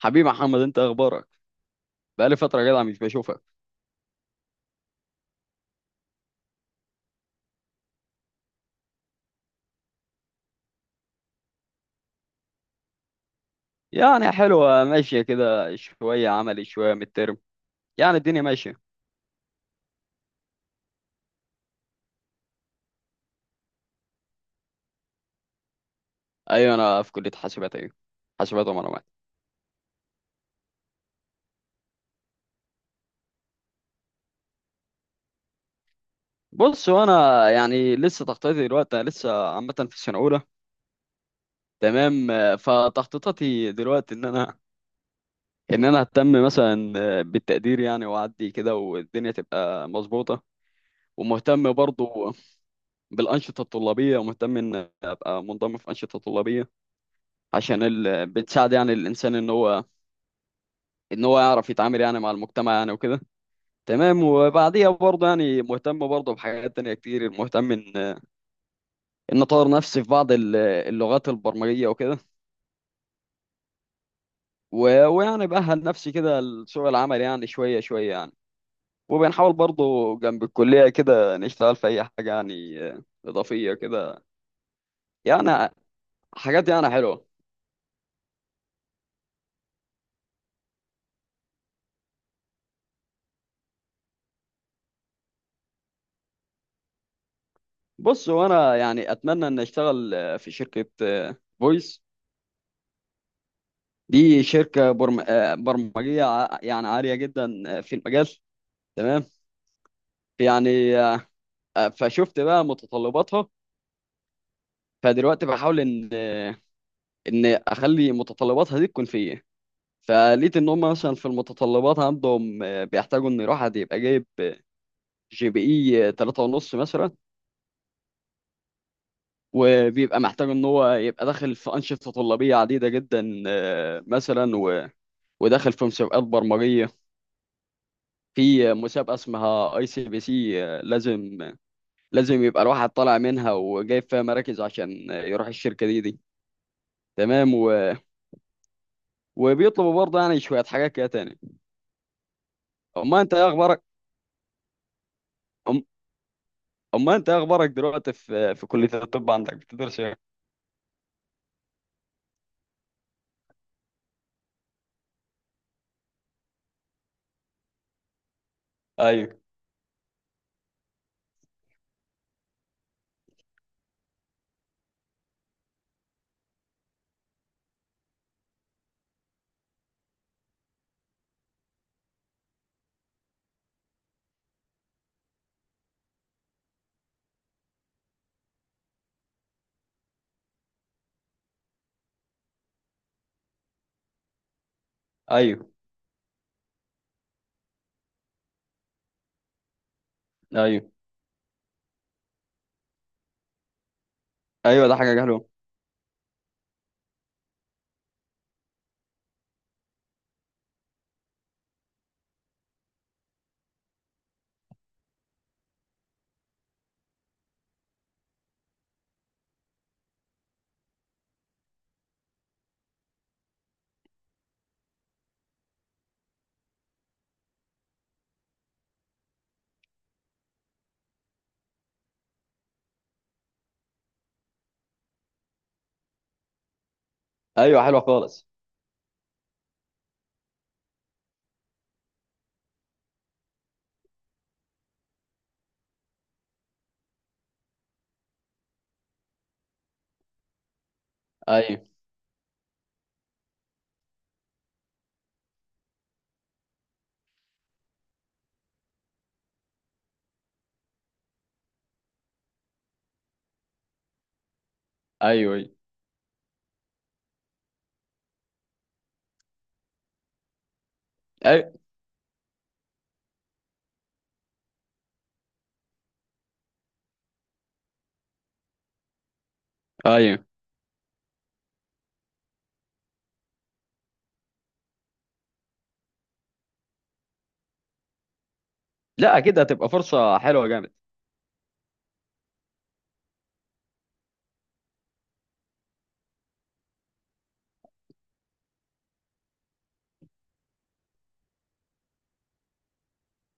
حبيبي محمد، انت اخبارك؟ بقالي فتره جدع مش بشوفك. يعني حلوه ماشيه كده، شويه عملي شويه من الترم، يعني الدنيا ماشيه. ايوه انا في كليه حاسبات، ايوه حاسبات ومعلومات. بص وانا يعني لسه تخطيطي دلوقتي، انا لسه عامه في السنه الاولى. تمام، فتخطيطاتي دلوقتي ان انا اهتم مثلا بالتقدير، يعني واعدي كده والدنيا تبقى مظبوطه، ومهتم برضو بالانشطه الطلابيه، ومهتم ان ابقى منضم في انشطه طلابيه عشان بتساعد يعني الانسان ان هو يعرف يتعامل يعني مع المجتمع، يعني وكده. تمام، وبعديها برضه يعني مهتم برضه بحاجات تانية كتير، مهتم ان اطور نفسي في بعض اللغات البرمجية وكده. و... ويعني بأهل نفسي كده لسوق العمل، يعني شوية شوية يعني. وبنحاول برضه جنب الكلية كده نشتغل في اي حاجة يعني إضافية كده، يعني حاجات يعني حلوة. بص وانا يعني اتمنى ان اشتغل في شركة فويس. دي شركة برمجية يعني عالية جدا في المجال. تمام. يعني فشفت بقى متطلباتها، فدلوقتي بحاول ان اخلي متطلباتها دي تكون فيا. فلقيت ان هم مثلا في المتطلبات عندهم بيحتاجوا ان واحد يبقى جايب جي بي اي 3 ونص مثلا، وبيبقى محتاج ان هو يبقى داخل في انشطه طلابيه عديده جدا مثلا وداخل في مسابقات برمجيه. في مسابقه اسمها اي سي بي سي، لازم لازم يبقى الواحد طالع منها وجايب فيها مراكز عشان يروح الشركة دي. تمام، وبيطلبوا برضه يعني شوية حاجات كده تاني. أما أنت إيه أخبارك؟ أم... أما أنت إيه أخبارك دلوقتي؟ في كلية الطب عندك بتدرس إيه؟ أيوه. أيوه. أيوه. أيوه، ده حاجة حلوة. أيوه، حلوة خالص. أيوه، أيوه. أيوه. أيوه. أيوه. لا، أكيد هتبقى فرصة حلوة جامد.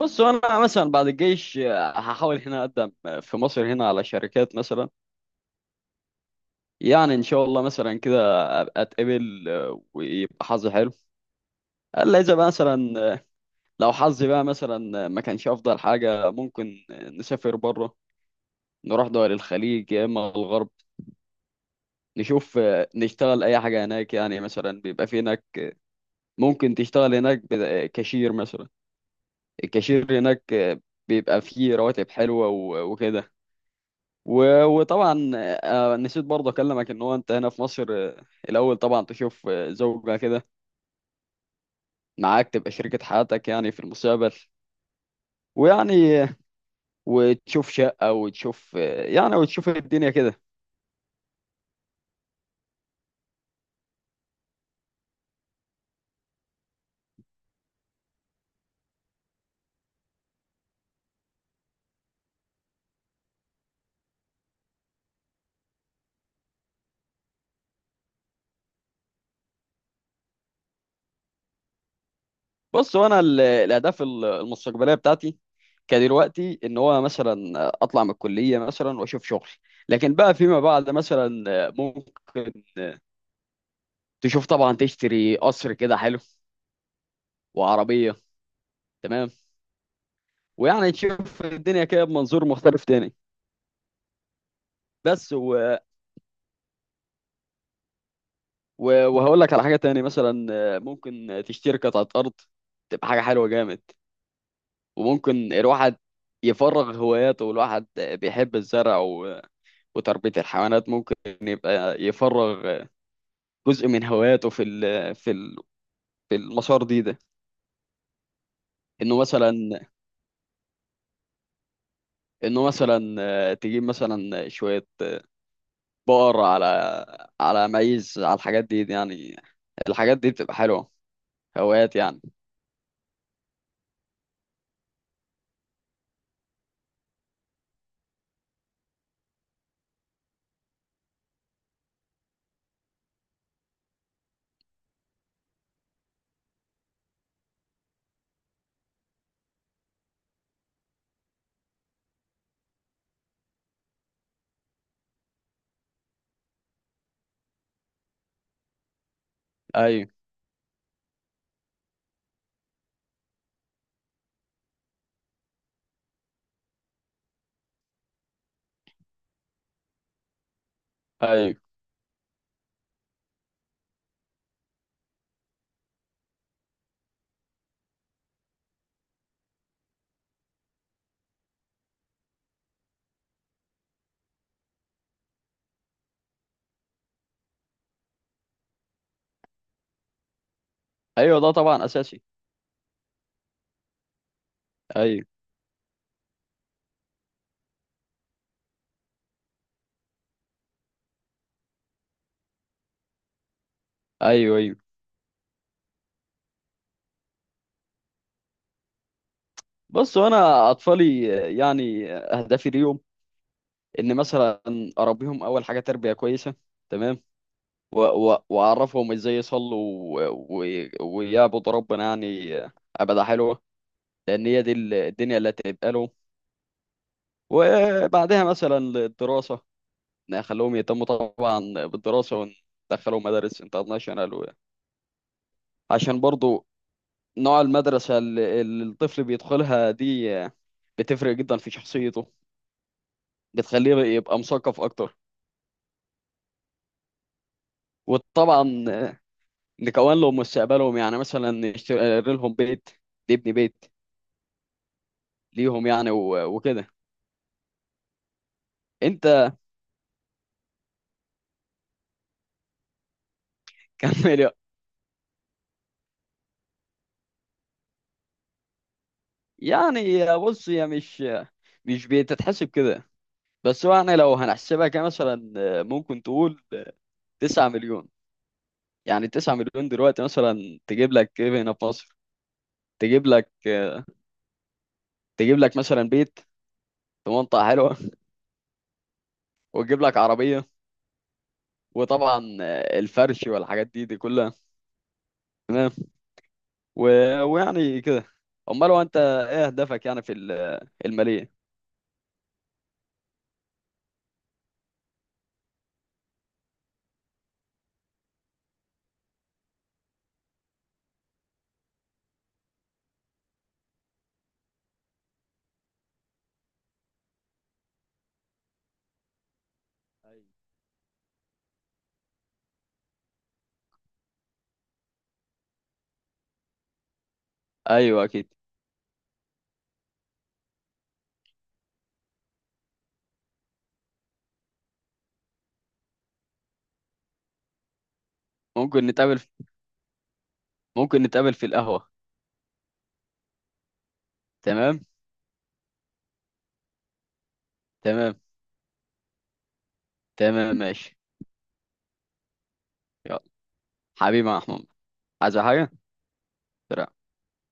بص، أنا مثلا بعد الجيش هحاول هنا أقدم في مصر هنا على شركات مثلا. يعني ان شاء الله مثلا كده ابقى اتقبل ويبقى حظي حلو. الا اذا بقى مثلا لو حظي بقى مثلا ما كانش افضل حاجه، ممكن نسافر بره، نروح دول الخليج يا اما الغرب. نشوف نشتغل اي حاجه هناك، يعني مثلا بيبقى في هناك ممكن تشتغل هناك كاشير مثلا. الكاشير هناك بيبقى فيه رواتب حلوه وكده. وطبعا نسيت برضه اكلمك ان هو انت هنا في مصر الاول طبعا تشوف زوجة كده معاك تبقى شريكة حياتك يعني في المستقبل، ويعني وتشوف شقة وتشوف يعني وتشوف الدنيا كده. بص، هو انا الاهداف المستقبلية بتاعتي كدلوقتي ان هو مثلا اطلع من الكلية مثلا واشوف شغل. لكن بقى فيما بعد مثلا ممكن تشوف طبعا تشتري قصر كده حلو وعربية. تمام. ويعني تشوف الدنيا كده بمنظور مختلف تاني. بس وهقول لك على حاجة تاني مثلا، ممكن تشتري قطعة أرض، تبقى حاجة حلوة جامد. وممكن الواحد يفرغ هواياته، والواحد بيحب الزرع وتربية الحيوانات، ممكن يبقى يفرغ جزء من هواياته في ال في ال في المسار ده. انه مثلا انه مثلا تجيب مثلا شوية بقر، على ميز، على الحاجات دي يعني، الحاجات دي بتبقى حلوة، هوايات يعني. ايوه. ايوه. ايوه، ده طبعا اساسي. ايوه. ايوه. ايوه. بص، وانا اطفالي يعني اهدافي ليهم ان مثلا اربيهم اول حاجه تربيه كويسه. تمام، و- واعرفهم ازاي يصلوا ويعبدوا ربنا، يعني عباده حلوه، لان هي دي الدنيا اللي هتبقى لهم. وبعدها مثلا للدراسه، نخليهم يهتموا طبعا بالدراسه، وندخلهم مدارس انترناشونال، عشان برضو نوع المدرسه اللي الطفل بيدخلها دي بتفرق جدا في شخصيته، بتخليه يبقى مثقف اكتر. وطبعا نكون لهم مستقبلهم، يعني مثلا نشتري لهم بيت، نبني بيت ليهم يعني، وكده. انت كمل يعني. بص، هي مش بتتحسب كده. بس هو يعني لو هنحسبها كمثلا ممكن تقول 9 مليون. يعني 9 مليون دلوقتي مثلا تجيب لك ايه هنا في مصر؟ تجيب لك، تجيب لك مثلا بيت في منطقة حلوة، وتجيب لك عربية، وطبعا الفرش والحاجات دي كلها، و... ويعني كده. امال هو انت ايه اهدافك يعني في الماليه؟ أيوة. ايوه اكيد. ممكن نتقابل ممكن نتقابل في القهوه. تمام. تمام. تمام ماشي. يلا حبيبي يا محمود. عايز حاجه؟ سلام.